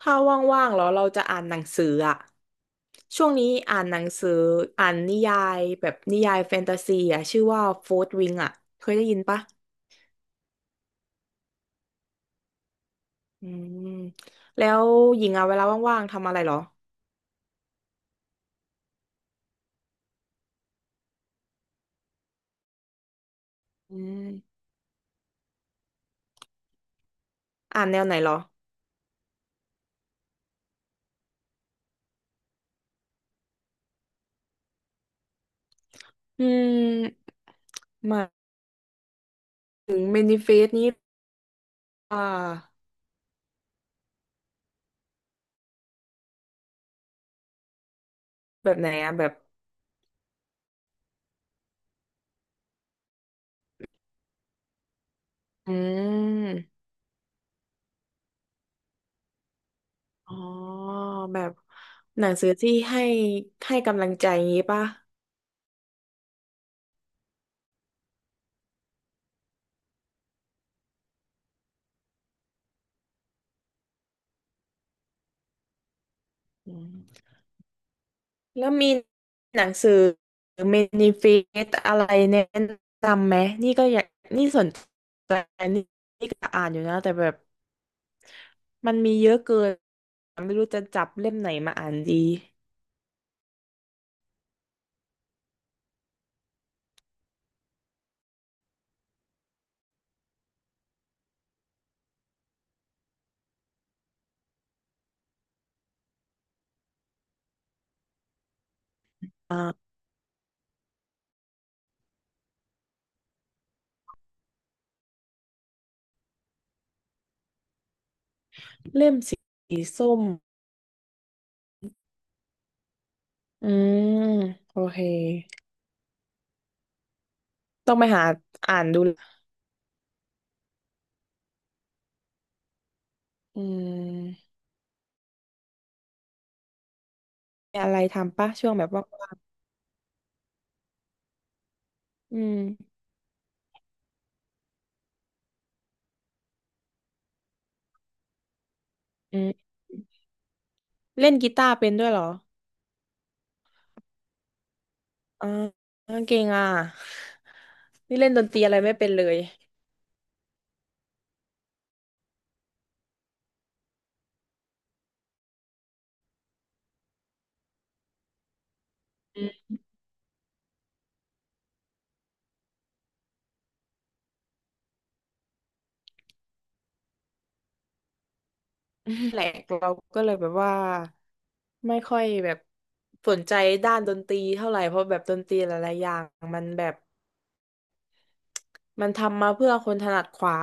ถ้าว่างๆแล้วเราจะอ่านหนังสืออะช่วงนี้อ่านหนังสืออ่านนิยายแบบนิยายแฟนตาซีอะชื่อว่าโฟร์ w วิงอะเคยได้ยินปะอืมแล้วหญิงอะเวลาว่างๆทำอะไรเหรออืมอ่านแนวไหนเหรออืมหมายถึงเมนิเฟสนี้อ่าแบบไหนอะแบบอืมอ๋อแบบหนังสือที่ให้กำลังใจงี้ปะอืม แล้วมีหนังสือเมนิเฟสอะไรแนะนำไหมนี่ก็อยากนี่สนใจนี่นี่ก็อ่านอยู่นะแต่แบบมันมีเยอะเกินไม่รู้จะจับเล่มไหนมาอ่านดีอ่าเล่มสีส้มอืมโอเคต้องไปหาอ่านดูละอืมมีอะไรทำปะช่วงแบบว่างๆอืมอืมเล่นกีตาร์เป็นด้วยเหรออ่าเก่งอ่ะนี่เล่นดนตรีอะไรไม่เป็นเลย แหลกเราก็เลยแบบว่าไม่ค่อยแบบสนใจด้านดนตรีเท่าไหร่เพราะแบบดนตรีหลายๆอย่างมันแบบมันทำมาเพื่อคนถนัดขวา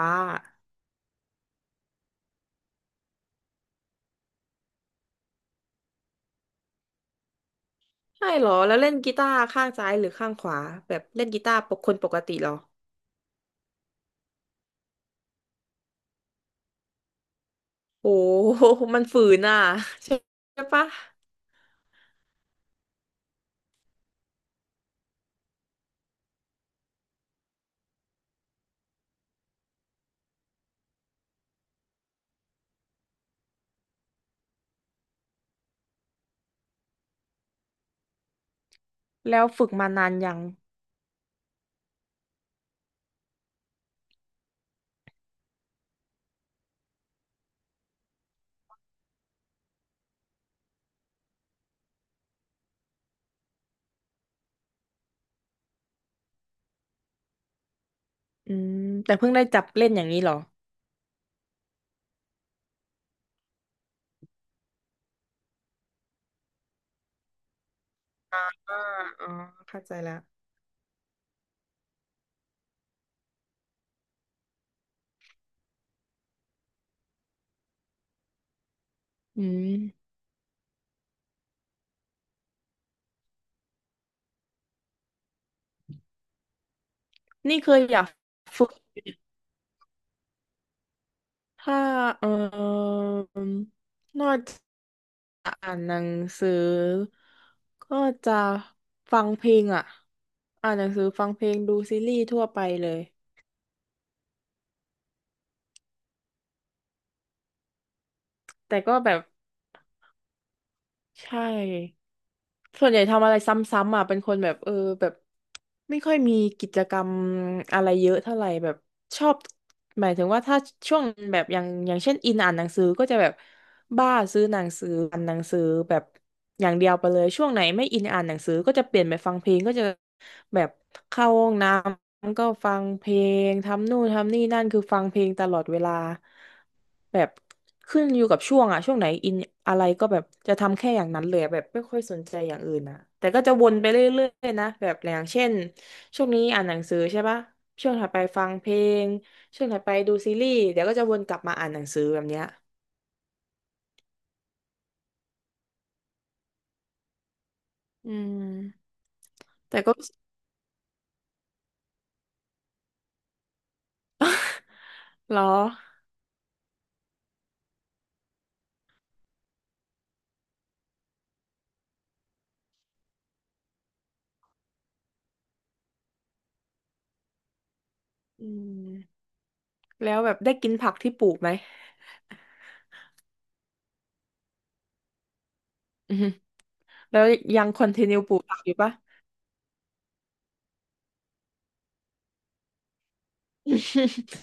ใช่เหรอแล้วเล่นกีตาร์ข้างซ้ายหรือข้างขวาแบบเล่นกีตาร์ปกคนปกติเหรอโอ้โหมันฝืนอ่ะ ใช่ปะแล้วฝึกมานานยังอืมแต่เพิ่งได้จับเล่นอย่างนี้เหรออ่าอ๋อเข้าใจแล้วอืมนี่เคยอยากฝึก ถ้าเอ่มนอกจากอ่านหนังสือก็จะฟังเพลงอ่ะอ่านหนังสือฟังเพลงดูซีรีส์ทั่วไปเลยแต่ก็แบบใช่ส่วนใหญ่ทำอะไรซ้ำๆอ่ะเป็นคนแบบเออแบบไม่ค่อยมีกิจกรรมอะไรเยอะเท่าไหร่แบบชอบหมายถึงว่าถ้าช่วงแบบอย่างอย่างเช่นอินอ่านหนังสือก็จะแบบ บ้าซื้อหนังสืออ่านหนังสือแบบอย่างเดียวไปเลยช่วงไหนไม่อินอ่านหนังสือก็จะเปลี่ยนไปฟังเพลงก็จะแบบเข้าห้องน้ำก็ฟังเพลงทำนู่นทำนี่นั่นคือฟังเพลงตลอดเวลาแบบขึ้นอยู่กับช่วงอะช่วงไหนอินอะไรก็แบบจะทำแค่อย่างนั้นเลยอะแบบไม่ค่อยสนใจอย่างอื่นอะแต่ก็จะวนไปเรื่อยๆนะแบบอย่างเช่นช่วงนี้อ่านหนังสือใช่ปะช่วงถัดไปฟังเพลงช่วงถัดไปดูซีรีส์เดี๋ยวก็จะวนกลับมาอ่านหนังสือแบบเนี้ยอืม แต่ก็ เหรออืมแล้วแบบได้กินผักที่ปลูกไหมอือฮึแล้วยังคอนติเนียปลูกผักอยู่ปะ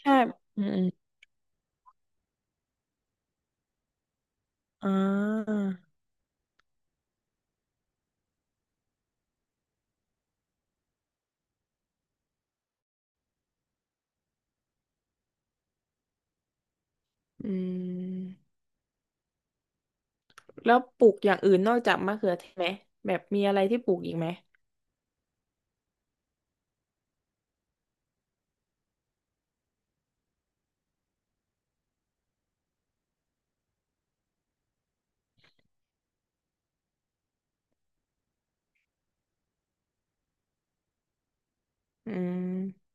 ใช่อืมอมอ่าอืมแล้วปลูกอย่างอื่นนอกจากมะเขือเทศไหมแบบมีอะไรที่ปลูกอีกไหมอืม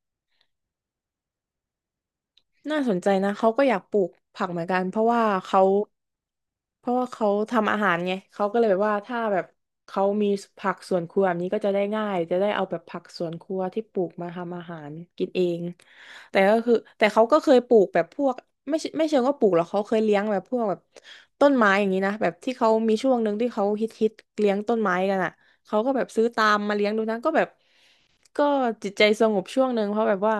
น่าสนใจนะเขาก็อยากปลูกผักเหมือนกันเพราะว่าเขา เพราะว่าเขาทำอาหารไงเขาก็เลยแบบว่าถ้าแบบเขามีผักสวนครัวแบบนี้ก็จะได้ง่ายจะได้เอาแบบผักสวนครัวที่ปลูกมาทำอาหารกินเองแต่ก็คือแต่เขาก็เคยปลูกแบบพวกไม่ใช่ไม่เชิงว่าปลูกหรอกเขาเคยเลี้ยงแบบพวกแบบต้นไม้อย่างนี้นะแบบที่เขามีช่วงหนึ่งที่เขาฮิตเลี้ยงต้นไม้กันอ่ะเขาก็แบบซื้อตามมาเลี้ยงดูนะก็แบบก็จิตใจสงบช่วงหนึ่งเพราะแบบว่า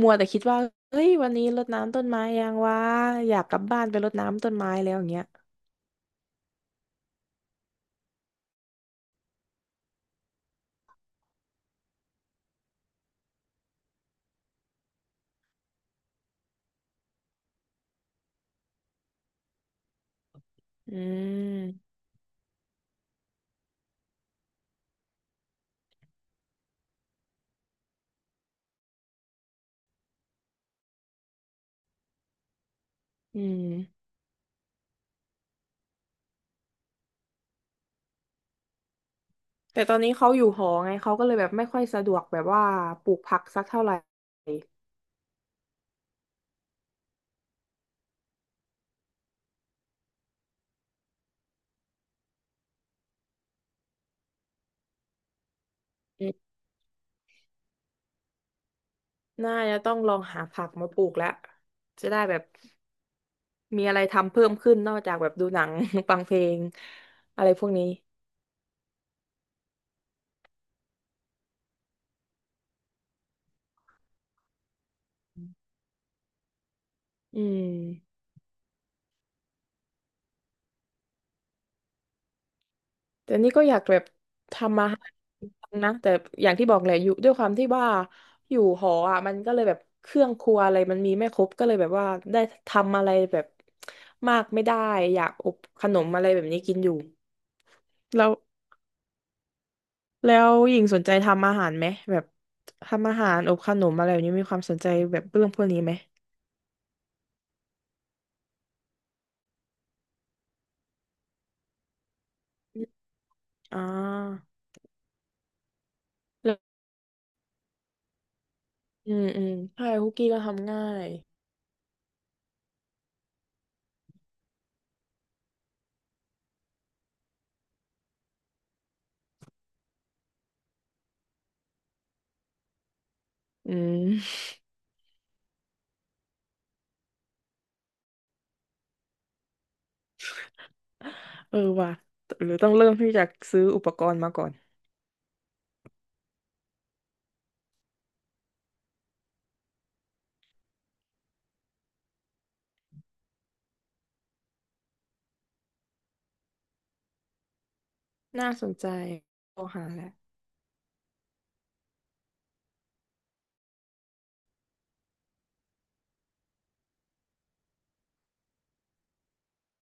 มัวแต่คิดว่าเฮ้ยวันนี้รดน้ำต้นไม้ยังวะอยากกลับบ้านไปรดน้ำต้นไม้แล้วอย่างเงี้ย อืมอืมแต่ตอนนี้เขาอยู่หอไงเขาก็เลยแบบไม่ค่อยสะดวกแบบว่าปลูกผักสักเท่าไหร่อืมน่าจะต้องลองหาผักมาปลูกแล้วจะได้แบบมีอะไรทำเพิ่มขึ้นนอกจากแบบดูหนัง ฟังเพลงอะไรพวกนี้อืม แต่นี่ก็อยากแบบทำมาหากินนะแต่อย่างที่บอกแหละอยู่ด้วยความที่ว่าอยู่หออ่ะมันก็เลยแบบเครื่องครัวอะไรมันมีไม่ครบก็เลยแบบว่าได้ทำอะไรแบบมากไม่ได้อยากอบขนมอะไรแบบนี้กินอยู่แล้วแล้วหญิงสนใจทำอาหารไหมแบบทำอาหารอบขนมอะไรแบบนี้มีความสนใจแบบเรื่องพวกนี้ไหมอมอ่าแล้วอืมอืมใช่คุกกี้ก็ทำง่ายอืม เออว่ะหรือต้องเริ่มที่จะซื้ออุปกรณ์มาก่อน น่าสนใจโทรหาแหละ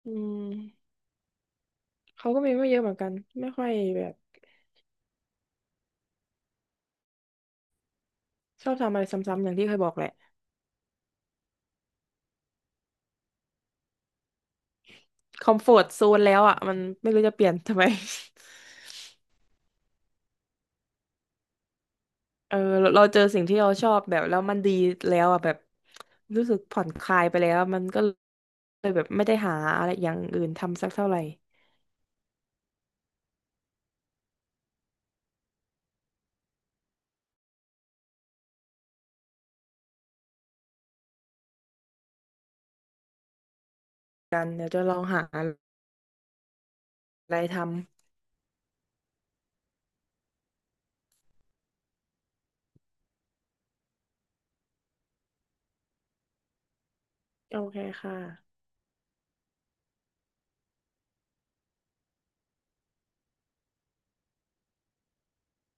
อืมเขาก็มีไม่เยอะเหมือนกันไม่ค่อยแบบชอบทำอะไรซ้ำๆอย่างที่เคยบอกแหละคอมฟอร์ตโซนแล้วอ่ะมันไม่รู้จะเปลี่ยนทำไม เออเราเจอสิ่งที่เราชอบแบบแล้วมันดีแล้วอ่ะแบบรู้สึกผ่อนคลายไปแล้วมันก็เลยแบบไม่ได้หาอะไรอย่างอื่นทำสักเท่าไหร่กันเดี๋ยวจะลองหาอะไรทำโอเคค่ะ